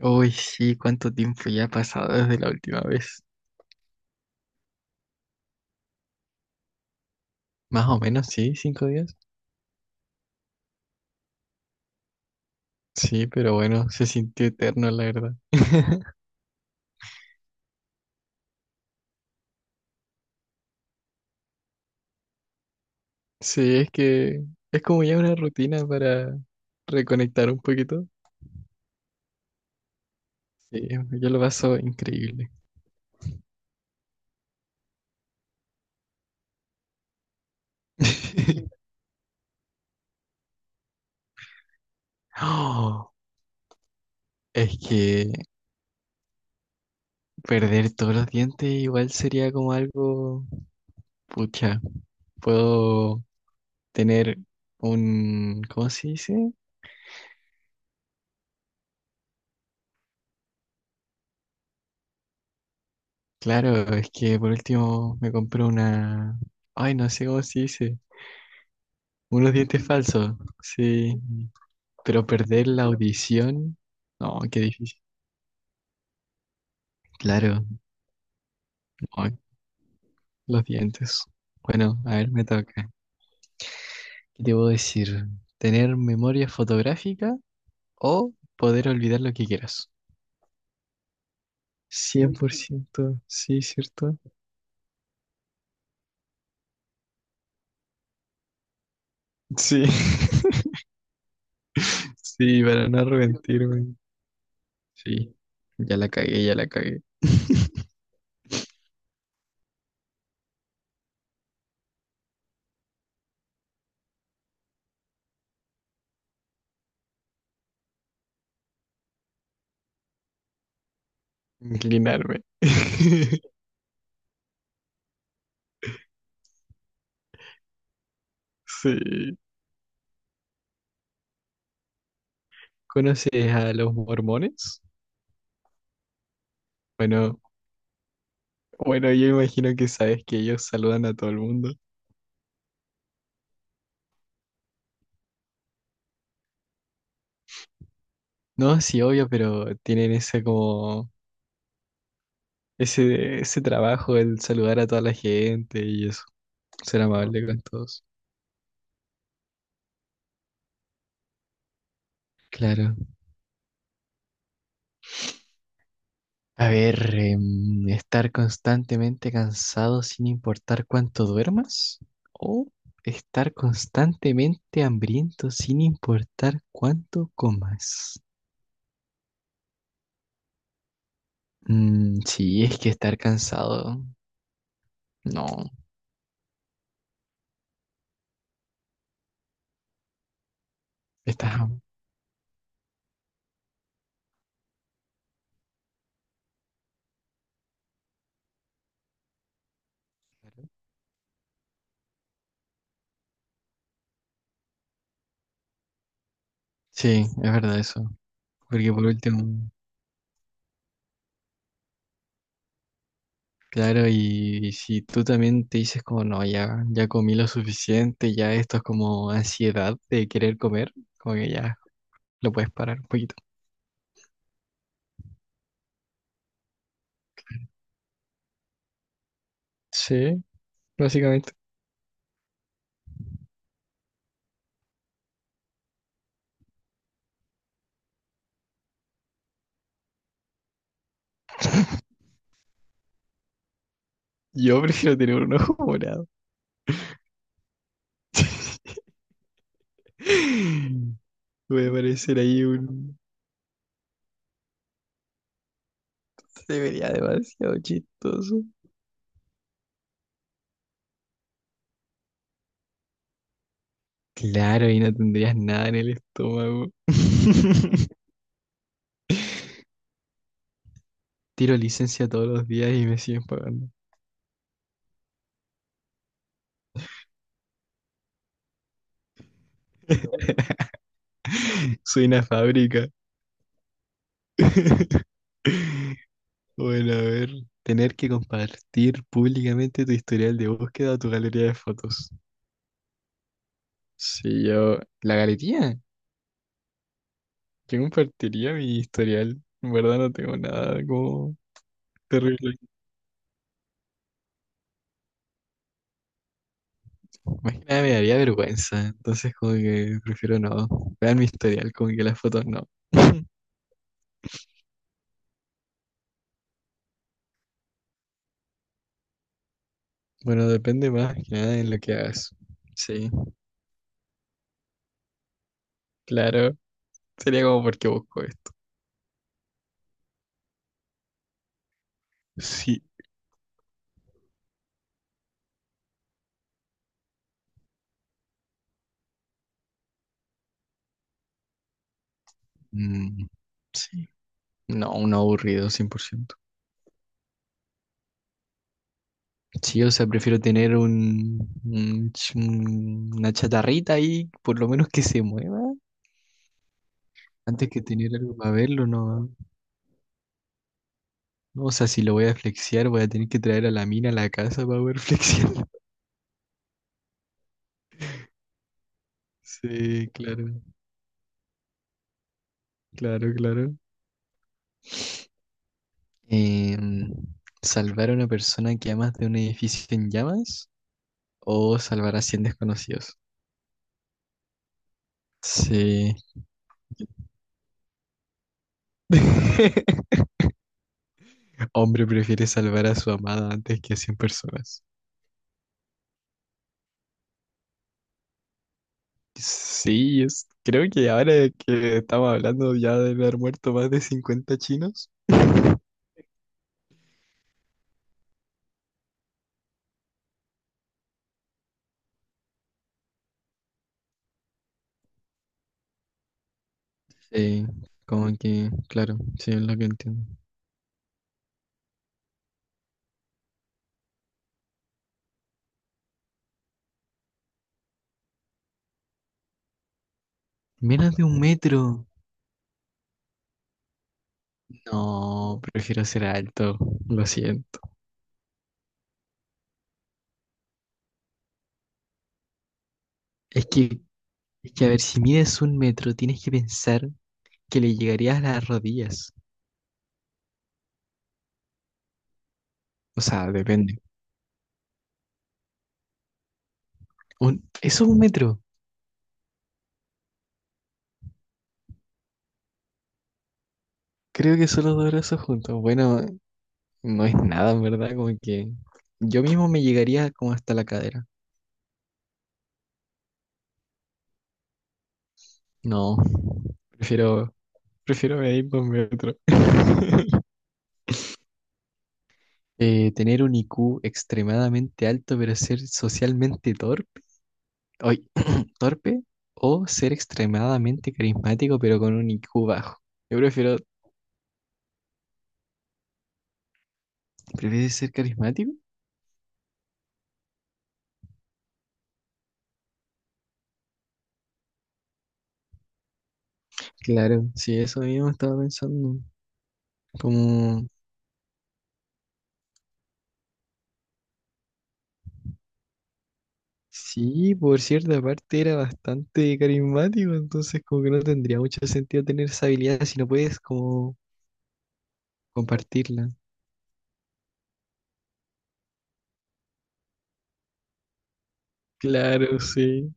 Uy, sí, ¿cuánto tiempo ya ha pasado desde la última vez? Más o menos, sí, 5 días. Sí, pero bueno, se sintió eterno, la verdad. Sí, es que es como ya una rutina para reconectar un poquito. Sí, yo lo paso increíble. Oh, es que perder todos los dientes igual sería como algo, pucha, puedo tener un, ¿cómo se dice? Claro, es que por último me compré una... Ay, no sé cómo se dice. Unos dientes falsos. Sí. Pero perder la audición... No, qué difícil. Claro, no, los dientes. Bueno, a ver, me toca. ¿Qué te puedo decir? ¿Tener memoria fotográfica o poder olvidar lo que quieras? 100%, sí, ¿cierto? Sí, sí, para no arrepentirme. Sí, ya la cagué, ya la cagué. Inclinarme. Sí. ¿Conoces a los mormones? Bueno, bueno, yo imagino que sabes que ellos saludan a todo el mundo. No, sí, obvio, pero tienen ese como ese trabajo el saludar a toda la gente y eso, ser amable con todos. Claro. A ver, estar constantemente cansado sin importar cuánto duermas o estar constantemente hambriento sin importar cuánto comas. Mm, sí, es que estar cansado, no, estás... Sí, es verdad eso. Porque por último, claro, y, si tú también te dices como, no, ya comí lo suficiente, ya esto es como ansiedad de querer comer, como que ya lo puedes parar un poquito. Sí, básicamente. Yo prefiero tener un ojo morado. Voy a parecer ahí un... Se vería demasiado chistoso. Claro, y no tendrías nada en el estómago. Tiro licencia todos los días y me siguen pagando. Soy una fábrica. Bueno, a ver, tener que compartir públicamente tu historial de búsqueda o tu galería de fotos. Si yo, la galería, yo compartiría mi historial. En verdad no tengo nada como terrible. Más que nada me daría vergüenza, entonces como que prefiero no. Vean mi historial, como que las fotos no. Bueno, depende más que nada en lo que hagas. Sí, claro. Sería como porque busco esto. Sí. Mm, sí. No, un aburrido, 100%. Sí, o sea, prefiero tener una chatarrita ahí, por lo menos que se mueva, antes que tener algo para verlo, no. No, o sea, si lo voy a flexiar, voy a tener que traer a la mina a la casa para poder flexiar. Sí, claro, claro, claro. Em, Salvar a una persona que amas de un edificio en llamas o salvar a 100 desconocidos. Sí. Hombre prefiere salvar a su amada antes que a 100 personas. Sí, creo que ahora que estamos hablando ya de haber muerto más de 50 chinos. Sí, como que, claro, sí, es lo que entiendo. Menos de 1 metro. No, prefiero ser alto, lo siento. Es que, es que a ver, si mides 1 metro, tienes que pensar que le llegarías a las rodillas. O sea, depende. Eso es 1 metro. Creo que solo dos brazos juntos. Bueno, no es nada, en verdad, como que yo mismo me llegaría como hasta la cadera. No, prefiero, prefiero medir 2 metros. Tener un IQ extremadamente alto, pero ser socialmente oy, torpe, o ser extremadamente carismático, pero con un IQ bajo. Yo prefiero, ¿prefieres ser carismático? Claro, sí, eso mismo estaba pensando. Como Sí, por cierta parte era bastante carismático, entonces como que no tendría mucho sentido tener esa habilidad si no puedes como compartirla. Claro, sí.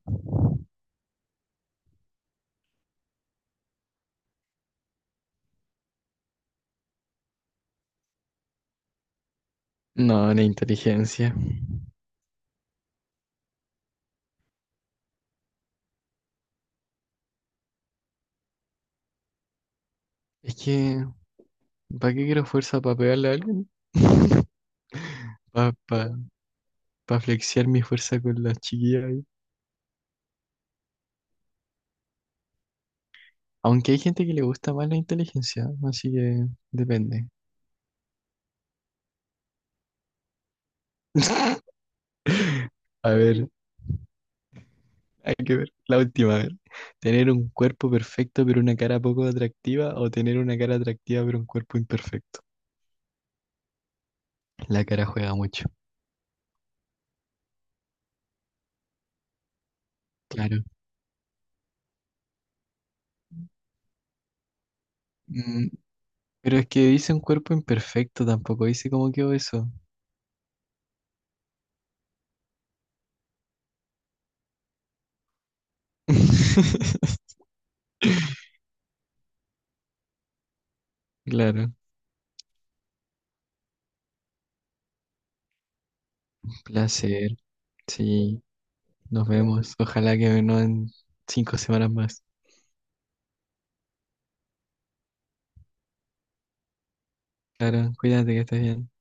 No, la inteligencia. Es que, ¿para qué quiero fuerza? ¿Para pegarle a alguien? Para pa, pa flexear mi fuerza con las chiquillas ahí. Aunque hay gente que le gusta más la inteligencia, así que depende. A ver, hay que ver. La última, a ver. ¿Tener un cuerpo perfecto pero una cara poco atractiva o tener una cara atractiva pero un cuerpo imperfecto? La cara juega mucho. Claro. Mm, pero es que dice un cuerpo imperfecto, tampoco dice cómo quedó eso. Claro. Placer. Sí, nos vemos. Ojalá que no en 5 semanas más. Claro, cuídate que estés bien.